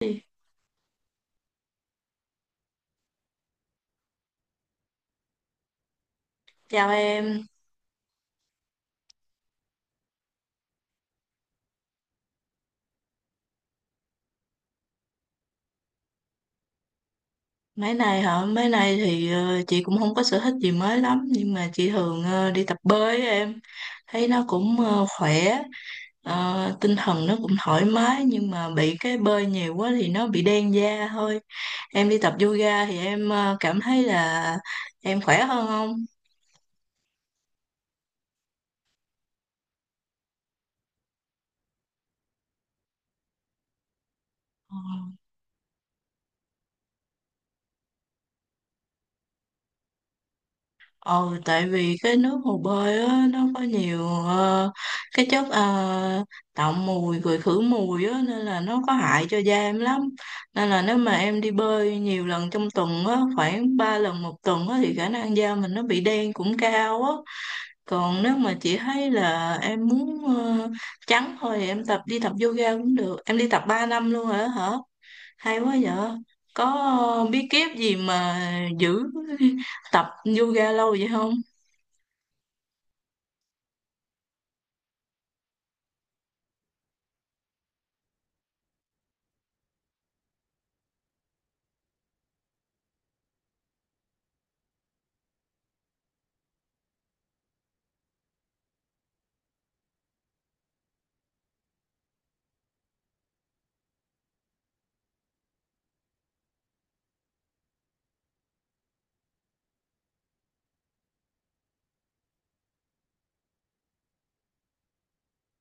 Chị, chào em. Mấy này hả? Mấy này thì chị cũng không có sở thích gì mới lắm nhưng mà chị thường đi tập bơi á em. Thấy nó cũng khỏe, tinh thần nó cũng thoải mái nhưng mà bị cái bơi nhiều quá thì nó bị đen da thôi. Em đi tập yoga thì em cảm thấy là em khỏe hơn không? Ờ, Tại vì cái nước hồ bơi á, nó có nhiều cái chất tạo mùi rồi khử mùi á, nên là nó có hại cho da em lắm. Nên là nếu mà em đi bơi nhiều lần trong tuần á, khoảng 3 lần một tuần á, thì khả năng da mình nó bị đen cũng cao á. Còn nếu mà chị thấy là em muốn trắng thôi thì em tập đi tập yoga cũng được. Em đi tập 3 năm luôn rồi đó hả? Hay quá vậy. Có bí kíp gì mà giữ tập yoga lâu vậy không?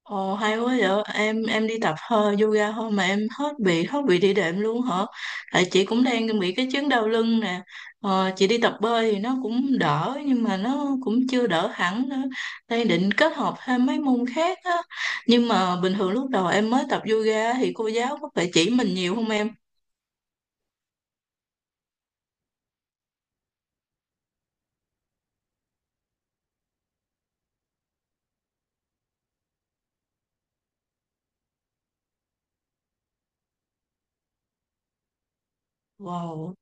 Ồ, hay quá vậy. Em đi tập hơi yoga thôi mà em hết bị đi đệm luôn hả? Tại chị cũng đang bị cái chứng đau lưng nè. Chị đi tập bơi thì nó cũng đỡ nhưng mà nó cũng chưa đỡ hẳn nữa. Đang định kết hợp thêm mấy môn khác á. Nhưng mà bình thường lúc đầu em mới tập yoga thì cô giáo có phải chỉ mình nhiều không em? Wow.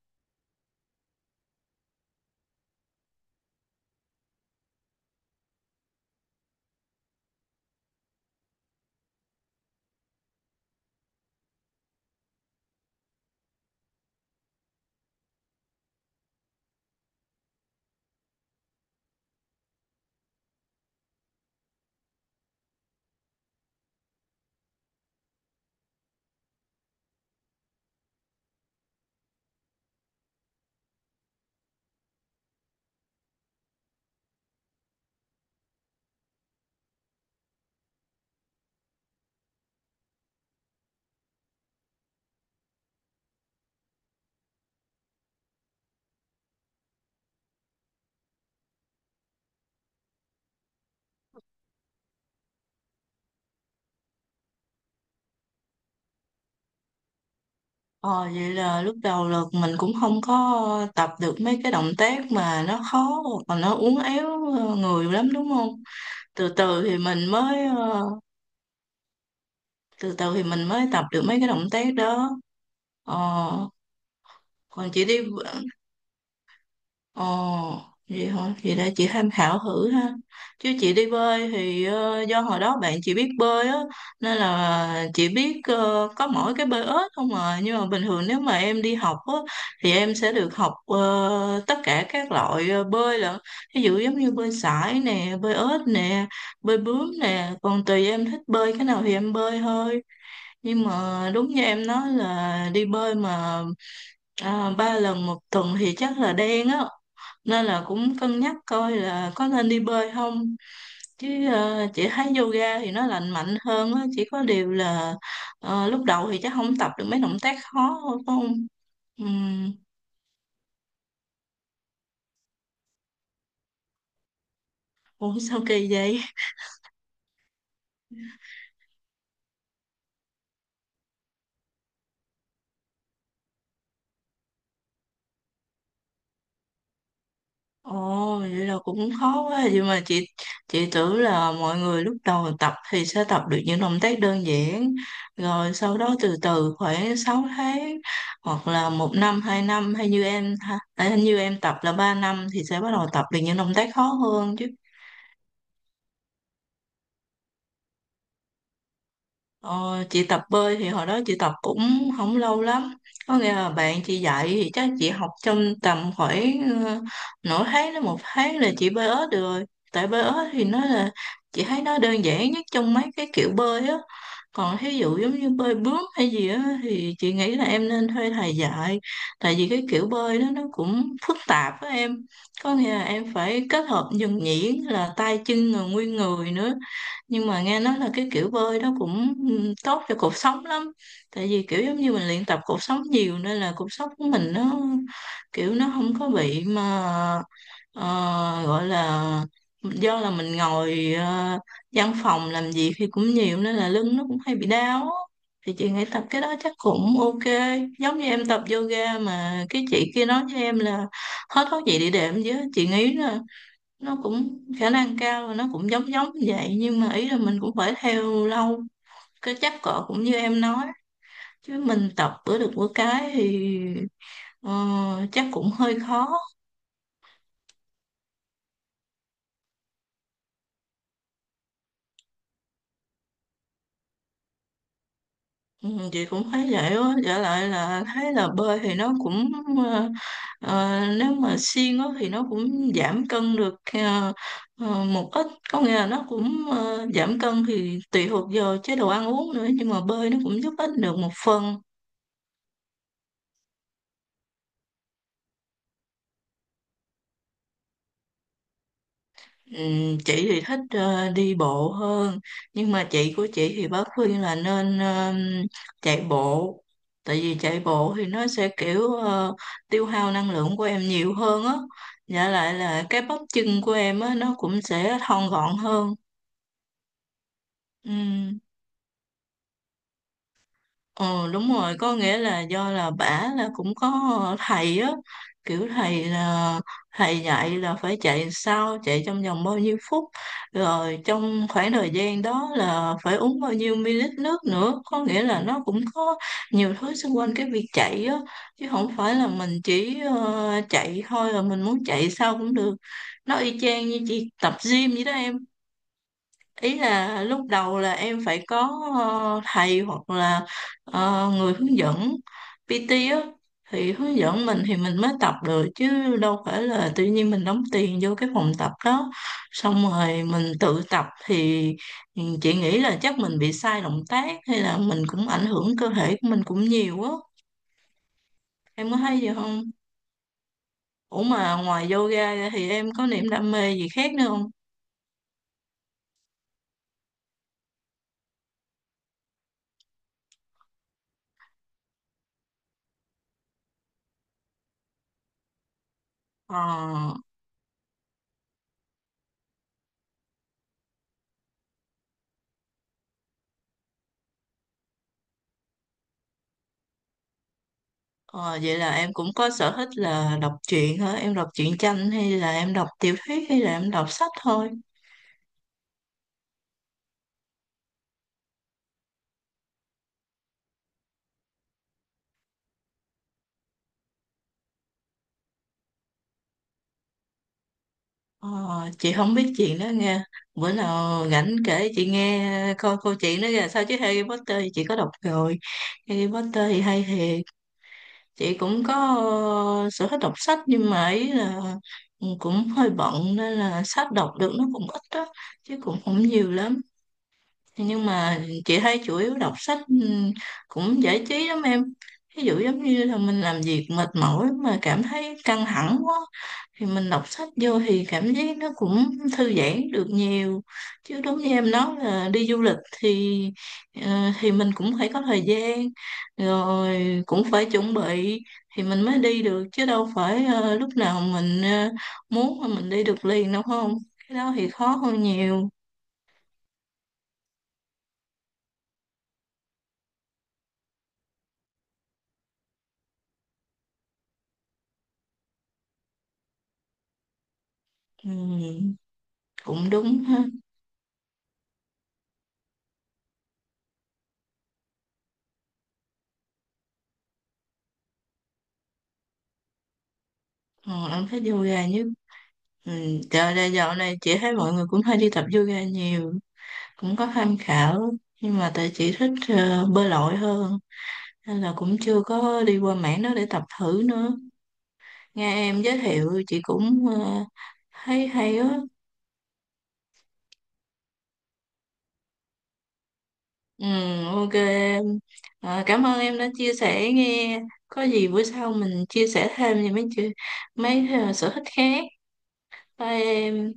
Ờ, vậy là lúc đầu là mình cũng không có tập được mấy cái động tác mà nó khó hoặc là nó uốn éo người lắm đúng không? Từ từ thì mình mới ờ, từ từ thì mình mới tập được mấy cái động tác đó. Ờ, còn chị đi ờ, vậy hả, vậy đã chị tham khảo thử ha. Chứ chị đi bơi thì do hồi đó bạn chị biết bơi á, nên là chị biết có mỗi cái bơi ếch không à. Nhưng mà bình thường nếu mà em đi học á thì em sẽ được học tất cả các loại bơi lận. Ví dụ giống như bơi sải nè, bơi ếch nè, bơi bướm nè, còn tùy em thích bơi cái nào thì em bơi thôi. Nhưng mà đúng như em nói là đi bơi mà 3 lần một tuần thì chắc là đen á. Nên là cũng cân nhắc coi là có nên đi bơi không. Chứ chị thấy yoga thì nó lành mạnh hơn á, chỉ có điều là lúc đầu thì chắc không tập được mấy động tác khó thôi phải không? Ừm. Ủa, sao kỳ vậy? Ồ, vậy là cũng khó quá vậy mà chị. Chị tưởng là mọi người lúc đầu tập thì sẽ tập được những động tác đơn giản, rồi sau đó từ từ khoảng 6 tháng hoặc là một năm hai năm, hay như em như em tập là 3 năm thì sẽ bắt đầu tập được những động tác khó hơn chứ. Ờ, chị tập bơi thì hồi đó chị tập cũng không lâu lắm. Có nghĩa là bạn chị dạy thì chắc chị học trong tầm khoảng nửa tháng đến một tháng là chị bơi ếch được rồi. Tại bơi ếch thì nó là chị thấy nó đơn giản nhất trong mấy cái kiểu bơi á. Còn thí dụ giống như bơi bướm hay gì á thì chị nghĩ là em nên thuê thầy dạy. Tại vì cái kiểu bơi đó nó cũng phức tạp á em. Có nghĩa là em phải kết hợp nhuần nhuyễn là tay chân rồi nguyên người nữa. Nhưng mà nghe nói là cái kiểu bơi đó cũng tốt cho cột sống lắm. Tại vì kiểu giống như mình luyện tập cột sống nhiều nên là cột sống của mình nó kiểu nó không có bị mà ờ, gọi là do là mình ngồi văn phòng làm việc thì cũng nhiều nên là lưng nó cũng hay bị đau á. Thì chị nghĩ tập cái đó chắc cũng ok, giống như em tập yoga mà cái chị kia nói với em là hết thuốc gì để đệm, chứ chị nghĩ là nó cũng khả năng cao là nó cũng giống giống như vậy. Nhưng mà ý là mình cũng phải theo lâu, cái chắc cỡ cũng như em nói, chứ mình tập bữa được bữa cái thì ờ, chắc cũng hơi khó. Ừ, chị cũng thấy vậy á, trở lại là thấy là bơi thì nó cũng ờ, nếu mà siêng á thì nó cũng giảm cân được một ít. Có nghĩa là nó cũng giảm cân thì tùy thuộc vào chế độ ăn uống nữa. Nhưng mà bơi nó cũng giúp ích được một phần. Chị thì thích đi bộ hơn. Nhưng mà chị của chị thì bác khuyên là nên chạy bộ. Tại vì chạy bộ thì nó sẽ kiểu tiêu hao năng lượng của em nhiều hơn á. Dạ lại là cái bắp chân của em á nó cũng sẽ thon gọn hơn. Ừm. Ờ, đúng rồi. Có nghĩa là do là bả là cũng có thầy á, kiểu thầy là thầy dạy là phải chạy sao, chạy trong vòng bao nhiêu phút, rồi trong khoảng thời gian đó là phải uống bao nhiêu ml nước nữa. Có nghĩa là nó cũng có nhiều thứ xung quanh cái việc chạy á, chứ không phải là mình chỉ chạy thôi là mình muốn chạy sao cũng được. Nó y chang như chị tập gym vậy đó em. Ý là lúc đầu là em phải có thầy hoặc là người hướng dẫn PT á thì hướng dẫn mình thì mình mới tập được, chứ đâu phải là tự nhiên mình đóng tiền vô cái phòng tập đó xong rồi mình tự tập thì chị nghĩ là chắc mình bị sai động tác hay là mình cũng ảnh hưởng cơ thể của mình cũng nhiều á. Em có thấy gì không? Ủa, mà ngoài yoga ra thì em có niềm đam mê gì khác nữa không? Ờ. Ờ, Vậy là em cũng có sở thích là đọc truyện hả? Em đọc truyện tranh hay là em đọc tiểu thuyết hay là em đọc sách thôi? Ờ, chị không biết chuyện đó nghe. Bữa nào rảnh kể chị nghe coi câu chuyện đó ra sao, chứ Harry Potter thì chị có đọc rồi. Harry Potter thì hay thiệt. Chị cũng có sở thích đọc sách nhưng mà ấy là cũng hơi bận nên là sách đọc được nó cũng ít đó, chứ cũng không nhiều lắm. Nhưng mà chị thấy chủ yếu đọc sách cũng giải trí lắm em. Ví dụ giống như là mình làm việc mệt mỏi mà cảm thấy căng thẳng quá thì mình đọc sách vô thì cảm giác nó cũng thư giãn được nhiều. Chứ đúng như em nói là đi du lịch thì ờ, thì mình cũng phải có thời gian rồi cũng phải chuẩn bị thì mình mới đi được, chứ đâu phải lúc nào mình muốn mà mình đi được liền đâu không. Cái đó thì khó hơn nhiều. Ừm, cũng đúng ha. Ờ, em thấy yoga như ừ, dạo này chị thấy mọi người cũng hay đi tập yoga nhiều. Cũng có tham khảo nhưng mà tại chị thích bơi lội hơn nên là cũng chưa có đi qua mảng đó để tập thử nữa. Nghe em giới thiệu chị cũng thấy hay á. ừ, ok em. Ờ, cảm ơn em đã chia sẻ nghe. Có gì bữa sau mình chia sẻ thêm về mấy chuyện, mấy sở thích khác. Bye em.